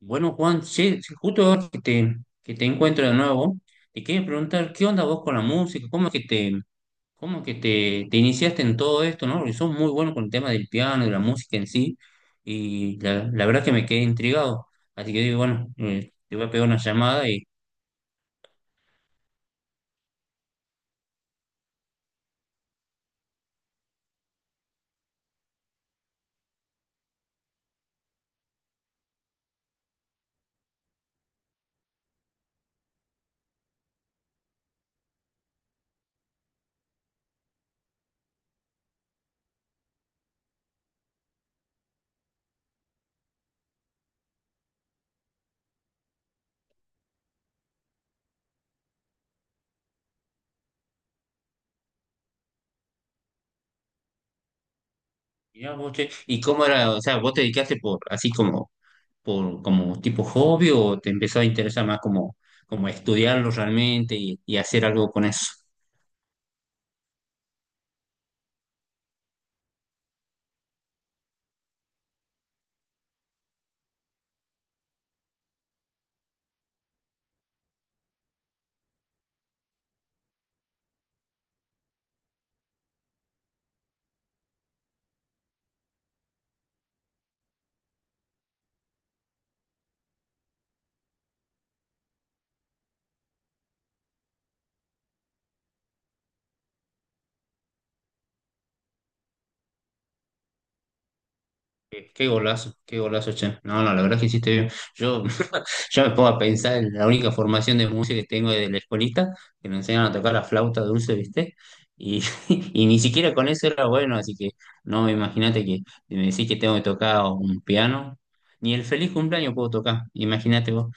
Bueno, Juan, sí, sí, justo ahora que te encuentro de nuevo, te quería preguntar, ¿qué onda vos con la música? ¿Cómo es que te iniciaste en todo esto, ¿no? Porque sos muy bueno con el tema del piano, de la música en sí, y la verdad que me quedé intrigado. Así que digo, bueno, te voy a pegar una llamada y mirá vos, che, ¿y cómo era? O sea, ¿vos te dedicaste por, así como, por, como tipo hobby o te empezó a interesar más como estudiarlo realmente y hacer algo con eso? Qué golazo, qué golazo, che. No, no, la verdad es que hiciste bien. Yo ya me pongo a pensar en la única formación de música que tengo de la escuelita, que nos enseñan a tocar la flauta dulce, ¿viste? Y, y ni siquiera con eso era bueno, así que no, imagínate que me decís que tengo que tocar un piano, ni el feliz cumpleaños puedo tocar, imagínate vos.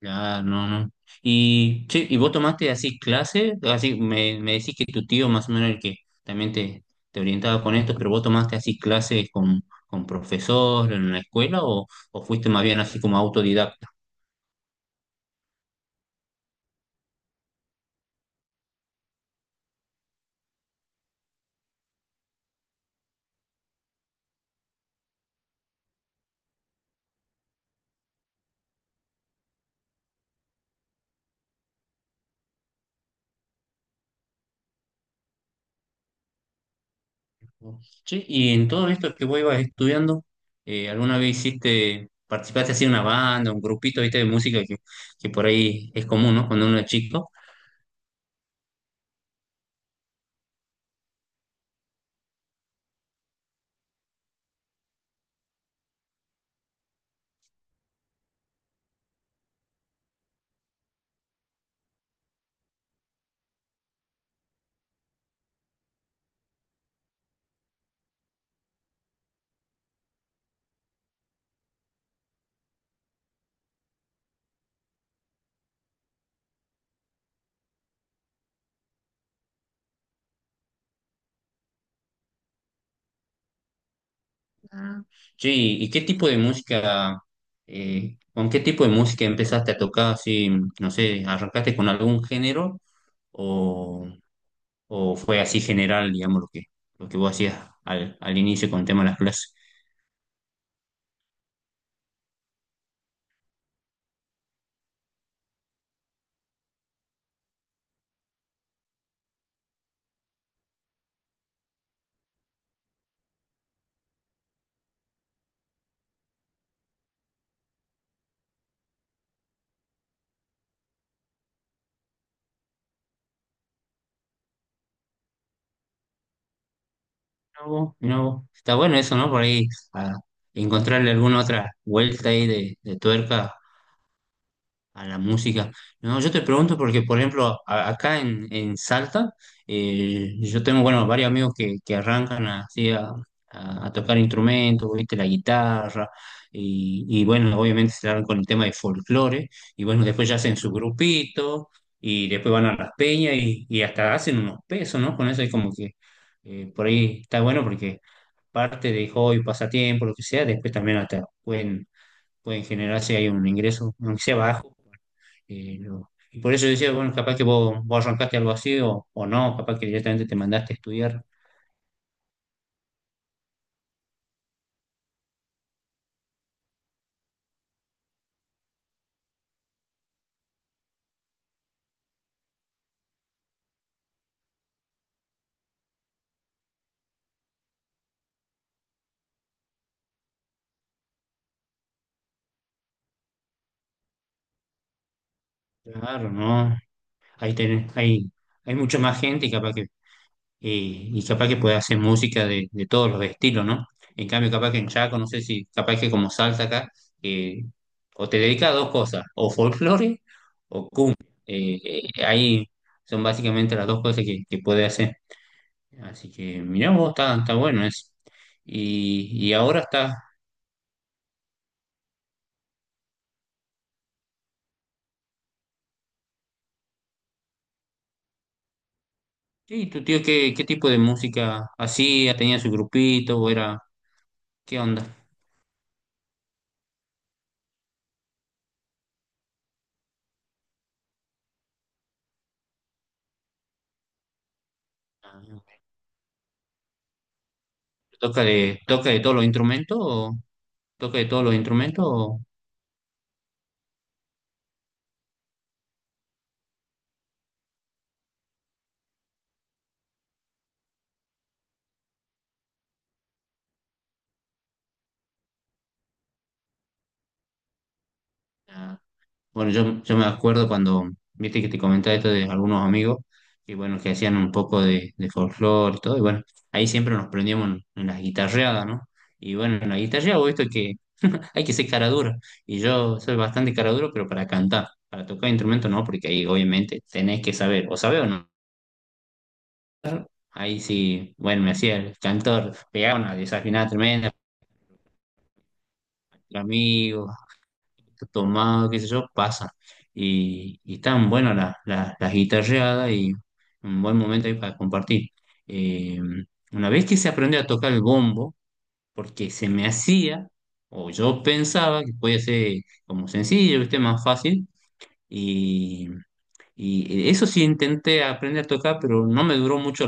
Claro, no, no. Y, che, ¿y vos tomaste así clases? Así me decís que tu tío más o menos el que también te orientaba con esto, pero ¿vos tomaste así clases con profesor en la escuela o fuiste más bien así como autodidacta? Che, y en todo esto que vos ibas estudiando, ¿alguna vez hiciste, participaste así en una banda, un grupito, viste, de música que por ahí es común, ¿no? Cuando uno es chico. Sí, ¿y qué tipo de música, con qué tipo de música empezaste a tocar? Así, no sé, ¿arrancaste con algún género o, o fue así general, digamos, lo que vos hacías al inicio con el tema de las clases? No, no, está bueno eso, ¿no? Por ahí, a encontrarle alguna otra vuelta ahí de tuerca a la música. No, yo te pregunto porque, por ejemplo, acá en Salta, yo tengo, bueno, varios amigos que arrancan así a tocar instrumentos, ¿viste? La guitarra, y bueno, obviamente se largan con el tema de folclore, y bueno, después ya hacen su grupito, y después van a las peñas, y hasta hacen unos pesos, ¿no? Con eso es como que por ahí está bueno porque parte de hobby, pasatiempo, lo que sea, después pueden generar si hay un ingreso, aunque sea bajo pero- y por eso decía, bueno, capaz que vos, vos arrancaste algo así o no, capaz que directamente te mandaste a estudiar. Claro, ¿no? Ahí tenés, hay mucha más gente y capaz que, y capaz que puede hacer música de todos los estilos, ¿no? En cambio, capaz que en Chaco, no sé si, capaz que como salsa acá, eh, o te dedicas a dos cosas, o folclore o cumbia. Eh, ahí son básicamente las dos cosas que puede hacer. Así que, mirá vos, está, está bueno eso. Y ahora está. ¿Y tu tío qué, qué tipo de música hacía? ¿Tenía su grupito o era qué onda? Ah, ¿toca de, toca de todos los instrumentos o toca de todos los instrumentos? O- ah, bueno, yo me acuerdo cuando viste que te comentaba esto de algunos amigos que bueno, que hacían un poco de folclore y todo, y bueno, ahí siempre nos prendíamos en las guitarreadas, ¿no? Y bueno, en la guitarreada vos esto que hay que ser cara dura, y yo soy bastante cara duro, pero para cantar, para tocar instrumento no, porque ahí obviamente tenés que saber, o saber o no. Ahí sí, bueno, me hacía el cantor, pegaba una desafinada tremenda, los amigos, tomado, qué sé yo, pasa. Y están buenas las guitarreadas y un buen momento ahí para compartir. Eh, una vez que se aprendió a tocar el bombo, porque se me hacía, o yo pensaba que podía ser como sencillo, ¿viste? Más fácil. Y, y eso sí intenté aprender a tocar, pero no me duró mucho.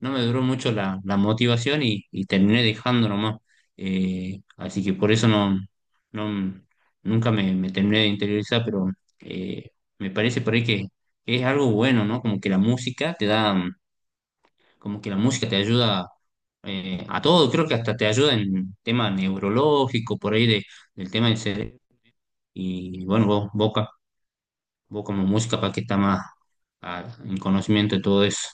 No me duró mucho la motivación y terminé dejando nomás. Así que por eso no nunca me terminé de interiorizar, pero eh, me parece por ahí que es algo bueno, ¿no? Como que la música te da, como que la música te ayuda a todo, creo que hasta te ayuda en tema neurológico, por ahí de, del tema del cerebro. Y bueno, vos como música para que está más en conocimiento de todo eso.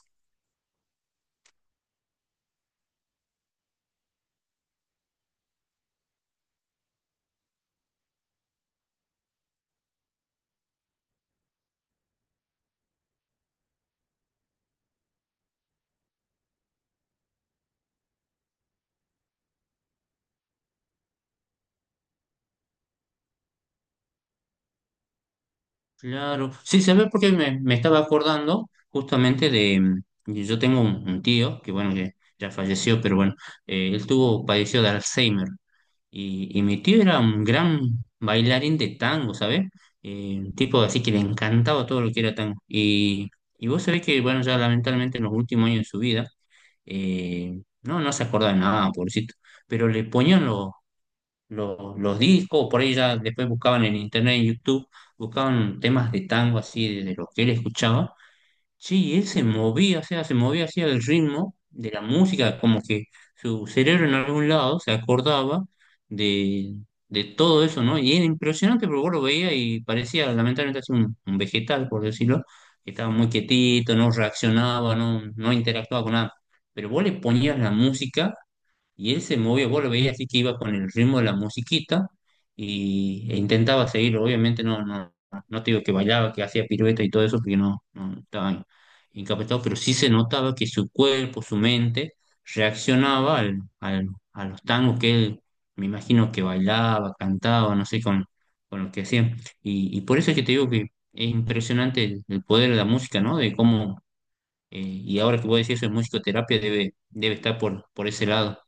Claro, sí, se ve porque me estaba acordando justamente de, yo tengo un tío que bueno, que ya falleció, pero bueno, él tuvo, padeció de Alzheimer y mi tío era un gran bailarín de tango, ¿sabes? Un tipo así que le encantaba todo lo que era tango. Y vos sabés que bueno, ya lamentablemente en los últimos años de su vida, no, no se acordaba de nada, pobrecito, pero le ponían los discos, por ahí ya después buscaban en internet, en YouTube, buscaban temas de tango así, de lo que él escuchaba. Sí, y él se movía, o sea, se movía así al ritmo de la música, como que su cerebro en algún lado se acordaba de, de todo eso, ¿no? Y era impresionante porque vos lo veía y parecía lamentablemente así un vegetal, por decirlo, que estaba muy quietito, no reaccionaba, no, no interactuaba con nada. Pero vos le ponías la música y él se movía, vos lo veías así que iba con el ritmo de la musiquita y, e intentaba seguirlo. Obviamente no te digo que bailaba, que hacía piruetas y todo eso, porque no, no estaba incapacitado, pero sí se notaba que su cuerpo, su mente, reaccionaba a los tangos que él, me imagino que bailaba, cantaba, no sé, con lo que hacía. Y por eso es que te digo que es impresionante el poder de la música, ¿no? De cómo, y ahora que voy a decir eso de musicoterapia, debe, debe estar por ese lado.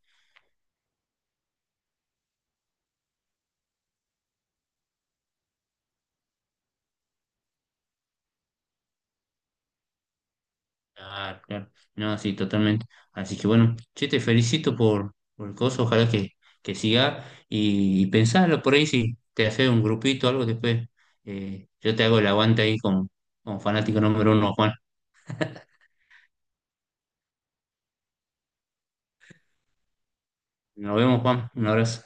Claro, claro. No, sí, totalmente. Así que bueno, che, te felicito por el coso, ojalá que siga y pensalo por ahí si te haces un grupito o algo después. Yo te hago el aguante ahí con fanático número uno, Juan. Nos vemos, Juan. Un abrazo.